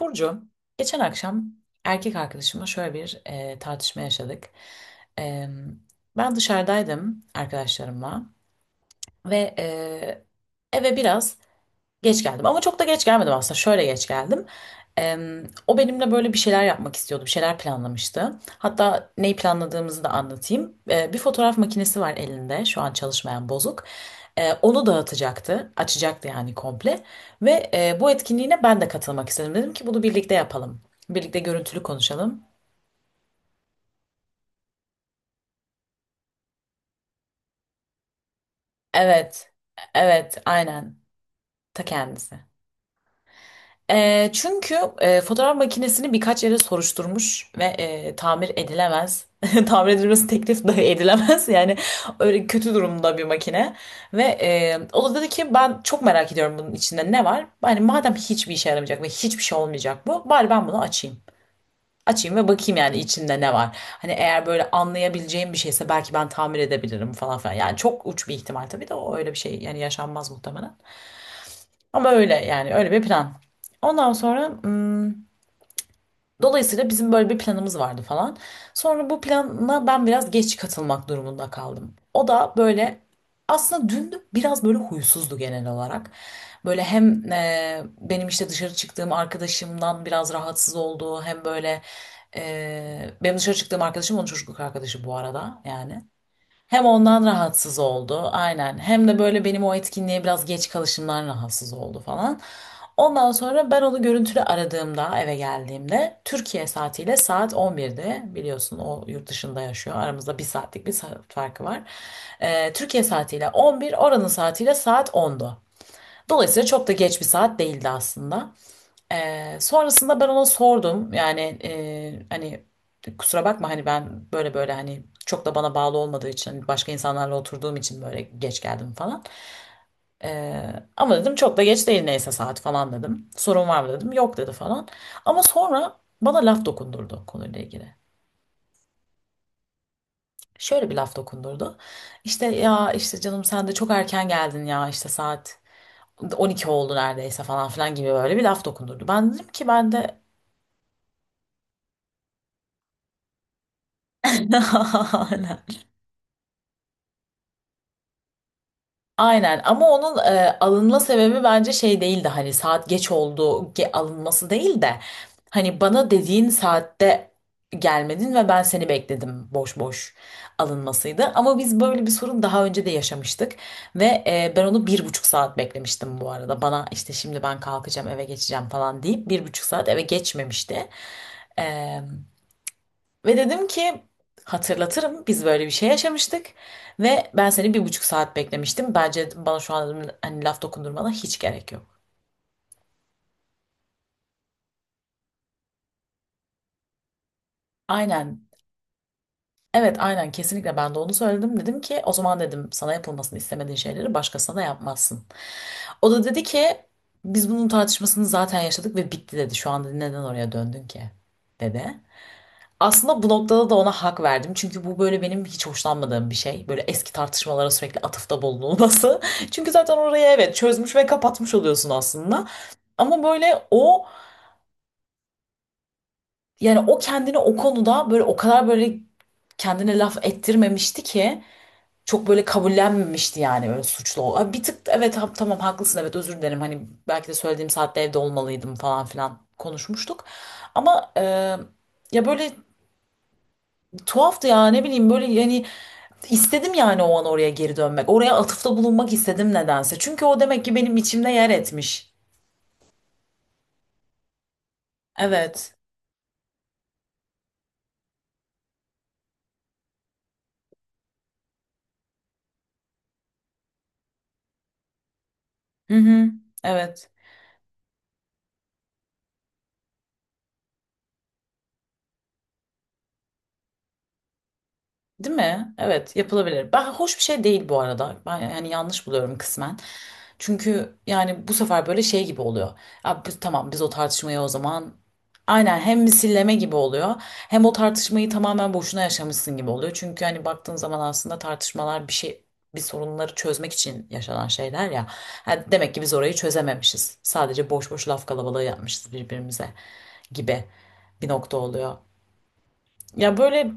Burcu, geçen akşam erkek arkadaşımla şöyle bir tartışma yaşadık. E, ben dışarıdaydım arkadaşlarımla ve eve biraz geç geldim ama çok da geç gelmedim aslında. Şöyle geç geldim. Em, o benimle böyle bir şeyler yapmak istiyordu, bir şeyler planlamıştı. Hatta neyi planladığımızı da anlatayım. E, bir fotoğraf makinesi var elinde, şu an çalışmayan bozuk. E, onu dağıtacaktı, açacaktı yani komple. Ve bu etkinliğine ben de katılmak istedim. Dedim ki bunu birlikte yapalım. Birlikte görüntülü konuşalım. Evet, evet, aynen. Ta kendisi. E, çünkü fotoğraf makinesini birkaç yere soruşturmuş ve tamir edilemez. Tamir edilmesi teklif dahi edilemez. Yani öyle kötü durumda bir makine. Ve o da dedi ki ben çok merak ediyorum bunun içinde ne var. Yani madem hiçbir işe yaramayacak ve hiçbir şey olmayacak bu. Bari ben bunu açayım. Açayım ve bakayım yani içinde ne var. Hani eğer böyle anlayabileceğim bir şeyse belki ben tamir edebilirim falan filan. Yani çok uç bir ihtimal tabii de o öyle bir şey yani yaşanmaz muhtemelen. Ama öyle yani öyle bir plan. Ondan sonra, dolayısıyla bizim böyle bir planımız vardı falan. Sonra bu plana ben biraz geç katılmak durumunda kaldım. O da böyle aslında dün biraz böyle huysuzdu genel olarak. Böyle hem benim işte dışarı çıktığım arkadaşımdan biraz rahatsız oldu. Hem böyle benim dışarı çıktığım arkadaşım onun çocukluk arkadaşı bu arada yani. Hem ondan rahatsız oldu aynen. Hem de böyle benim o etkinliğe biraz geç kalışımdan rahatsız oldu falan. Ondan sonra ben onu görüntülü aradığımda eve geldiğimde Türkiye saatiyle saat 11'de biliyorsun, o yurt dışında yaşıyor, aramızda bir saatlik bir saat farkı var. Türkiye saatiyle 11 oranın saatiyle saat 10'du. Dolayısıyla çok da geç bir saat değildi aslında. Sonrasında ben ona sordum yani, hani kusura bakma, hani ben böyle böyle, hani çok da bana bağlı olmadığı için başka insanlarla oturduğum için böyle geç geldim falan. Ama dedim çok da geç değil neyse saat falan dedim. Sorun var mı dedim. Yok dedi falan. Ama sonra bana laf dokundurdu konuyla ilgili. Şöyle bir laf dokundurdu. İşte ya, işte canım sen de çok erken geldin ya, işte saat 12 oldu neredeyse falan filan gibi böyle bir laf dokundurdu. Ben dedim ki ben de, aynen. Aynen, ama onun alınma sebebi bence şey değildi, hani saat geç oldu alınması değil de hani bana dediğin saatte gelmedin ve ben seni bekledim boş boş alınmasıydı. Ama biz böyle bir sorun daha önce de yaşamıştık ve ben onu bir buçuk saat beklemiştim bu arada, bana işte şimdi ben kalkacağım eve geçeceğim falan deyip bir buçuk saat eve geçmemişti. Ve dedim ki hatırlatırım, biz böyle bir şey yaşamıştık ve ben seni bir buçuk saat beklemiştim. Bence bana şu an dedim, hani laf dokundurmana hiç gerek yok. Aynen. Evet aynen, kesinlikle ben de onu söyledim. Dedim ki o zaman dedim, sana yapılmasını istemediğin şeyleri başkasına da yapmazsın. O da dedi ki biz bunun tartışmasını zaten yaşadık ve bitti dedi. Şu anda neden oraya döndün ki, dedi. Aslında bu noktada da ona hak verdim. Çünkü bu böyle benim hiç hoşlanmadığım bir şey. Böyle eski tartışmalara sürekli atıfta bulunulması. Çünkü zaten orayı evet çözmüş ve kapatmış oluyorsun aslında. Ama böyle o, yani o kendini o konuda böyle o kadar böyle kendine laf ettirmemişti ki, çok böyle kabullenmemişti yani, böyle suçlu. Ha, bir tık evet, tamam haklısın evet özür dilerim, hani belki de söylediğim saatte evde olmalıydım falan filan konuşmuştuk. Ama ya böyle, tuhaftı ya, ne bileyim böyle yani, istedim yani o an oraya geri dönmek. Oraya atıfta bulunmak istedim nedense. Çünkü o demek ki benim içimde yer etmiş. Evet. Hı hı. Evet. Değil mi? Evet, yapılabilir. Ben, hoş bir şey değil bu arada. Ben yani yanlış buluyorum kısmen. Çünkü yani bu sefer böyle şey gibi oluyor. Ya biz, tamam biz o tartışmayı o zaman, aynen, hem misilleme gibi oluyor hem o tartışmayı tamamen boşuna yaşamışsın gibi oluyor. Çünkü hani baktığın zaman aslında tartışmalar bir sorunları çözmek için yaşanan şeyler ya. Ha, demek ki biz orayı çözememişiz. Sadece boş boş laf kalabalığı yapmışız birbirimize gibi bir nokta oluyor. Ya böyle,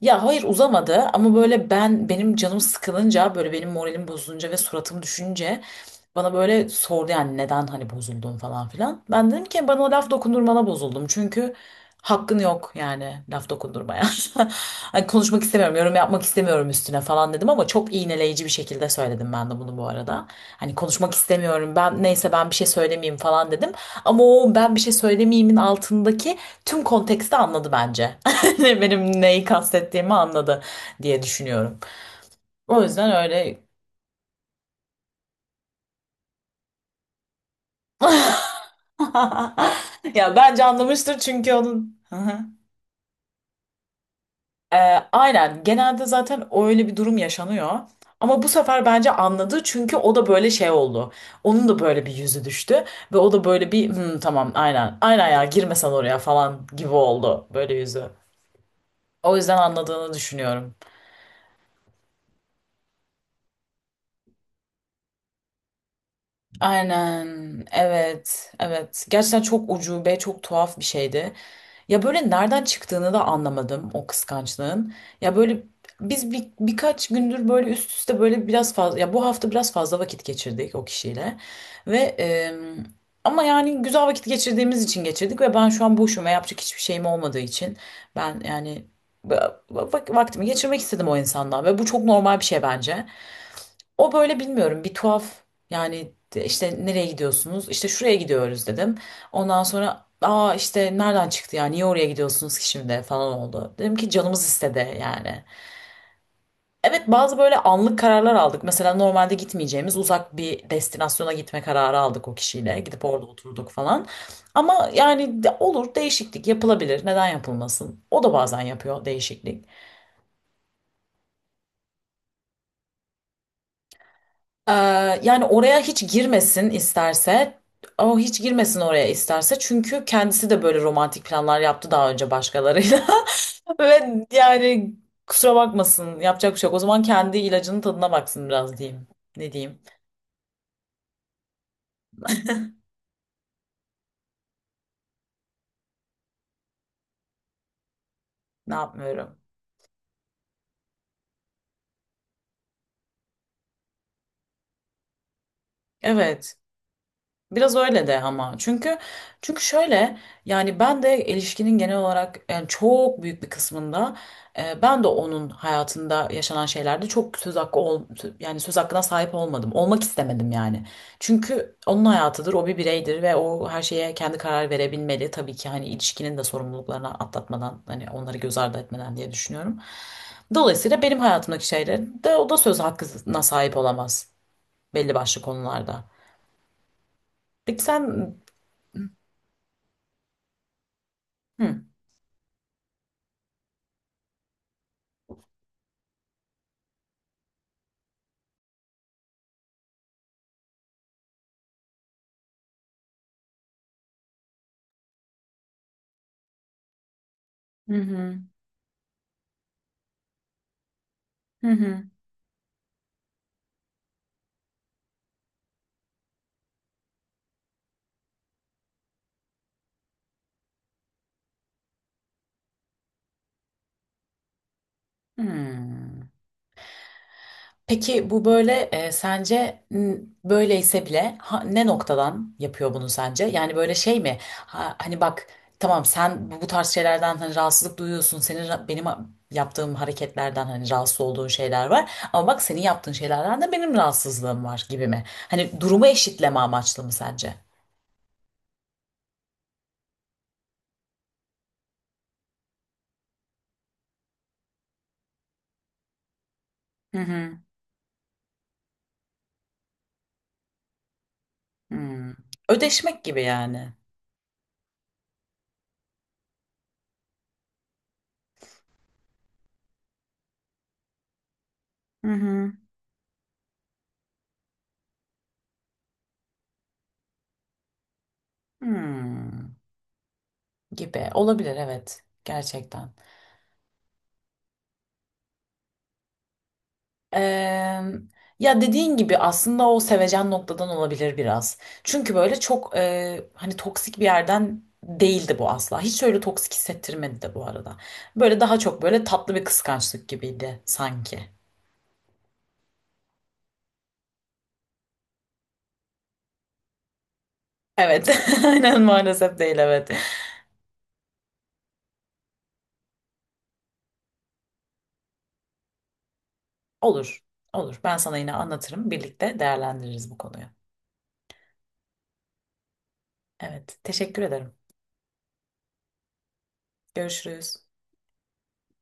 ya hayır uzamadı ama böyle, ben benim canım sıkılınca, böyle benim moralim bozulunca ve suratım düşünce bana böyle sordu yani neden hani bozuldun falan filan. Ben dedim ki bana laf dokundurmana bozuldum çünkü hakkın yok yani laf dokundurmaya. Hani konuşmak istemiyorum, yorum yapmak istemiyorum üstüne falan dedim, ama çok iğneleyici bir şekilde söyledim ben de bunu bu arada. Hani konuşmak istemiyorum, ben neyse ben bir şey söylemeyeyim falan dedim, ama o ben bir şey söylemeyeyimin altındaki tüm konteksti anladı bence. benim neyi kastettiğimi anladı diye düşünüyorum. O yüzden öyle. Ya bence anlamıştır, çünkü onun. Hı hı. Ee, aynen genelde zaten öyle bir durum yaşanıyor. Ama bu sefer bence anladı çünkü o da böyle şey oldu. Onun da böyle bir yüzü düştü ve o da böyle bir "Hmm, tamam, aynen aynen, ya girmesen oraya" falan gibi oldu böyle yüzü. O yüzden anladığını düşünüyorum. Aynen, evet evet, gerçekten çok ucube, çok tuhaf bir şeydi. Ya böyle nereden çıktığını da anlamadım o kıskançlığın. Ya böyle, biz birkaç gündür böyle üst üste, böyle biraz fazla, ya bu hafta biraz fazla vakit geçirdik o kişiyle. Ve ama yani güzel vakit geçirdiğimiz için geçirdik, ve ben şu an boşum ve yapacak hiçbir şeyim olmadığı için ben yani vaktimi geçirmek istedim o insandan, ve bu çok normal bir şey bence. O böyle bilmiyorum bir tuhaf, yani işte nereye gidiyorsunuz? İşte şuraya gidiyoruz dedim. Ondan sonra, aa işte nereden çıktı ya, niye oraya gidiyorsunuz ki şimdi falan oldu. Dedim ki canımız istedi yani. Evet, bazı böyle anlık kararlar aldık. Mesela normalde gitmeyeceğimiz uzak bir destinasyona gitme kararı aldık o kişiyle. Gidip orada oturduk falan. Ama yani olur, değişiklik yapılabilir. Neden yapılmasın? O da bazen yapıyor değişiklik. Ee, yani oraya hiç girmesin isterse. O hiç girmesin oraya isterse. Çünkü kendisi de böyle romantik planlar yaptı daha önce başkalarıyla. Ve yani kusura bakmasın, yapacak bir şey yok. O zaman kendi ilacının tadına baksın biraz diyeyim. Ne diyeyim? Ne yapmıyorum? Evet. Biraz öyle de, ama çünkü şöyle, yani ben de ilişkinin genel olarak yani çok büyük bir kısmında, ben de onun hayatında yaşanan şeylerde çok söz hakkı yani söz hakkına sahip olmadım. Olmak istemedim yani. Çünkü onun hayatıdır, o bir bireydir ve o her şeye kendi karar verebilmeli. Tabii ki hani ilişkinin de sorumluluklarını atlatmadan, hani onları göz ardı etmeden diye düşünüyorum. Dolayısıyla benim hayatımdaki şeylerde o da söz hakkına sahip olamaz belli başlı konularda. Peki sen. Hı. Hı hı. Hı hı. Hmm. Peki bu böyle, sence böyleyse bile, ne noktadan yapıyor bunu sence? Yani böyle şey mi? Ha, hani bak, tamam sen bu tarz şeylerden hani rahatsızlık duyuyorsun. Senin benim yaptığım hareketlerden hani rahatsız olduğun şeyler var. Ama bak, senin yaptığın şeylerden de benim rahatsızlığım var gibi mi? Hani durumu eşitleme amaçlı mı sence? Hı hı. Hmm. Ödeşmek gibi yani. Hı hı. Hmm. Gibi olabilir, evet, gerçekten. Eee, ya dediğin gibi aslında o sevecen noktadan olabilir biraz. Çünkü böyle çok hani toksik bir yerden değildi bu asla. Hiç öyle toksik hissettirmedi de bu arada. Böyle daha çok böyle tatlı bir kıskançlık gibiydi sanki. Evet, aynen, maalesef değil, evet. Olur, olur. Ben sana yine anlatırım. Birlikte değerlendiririz bu konuyu. Evet, teşekkür ederim. Görüşürüz.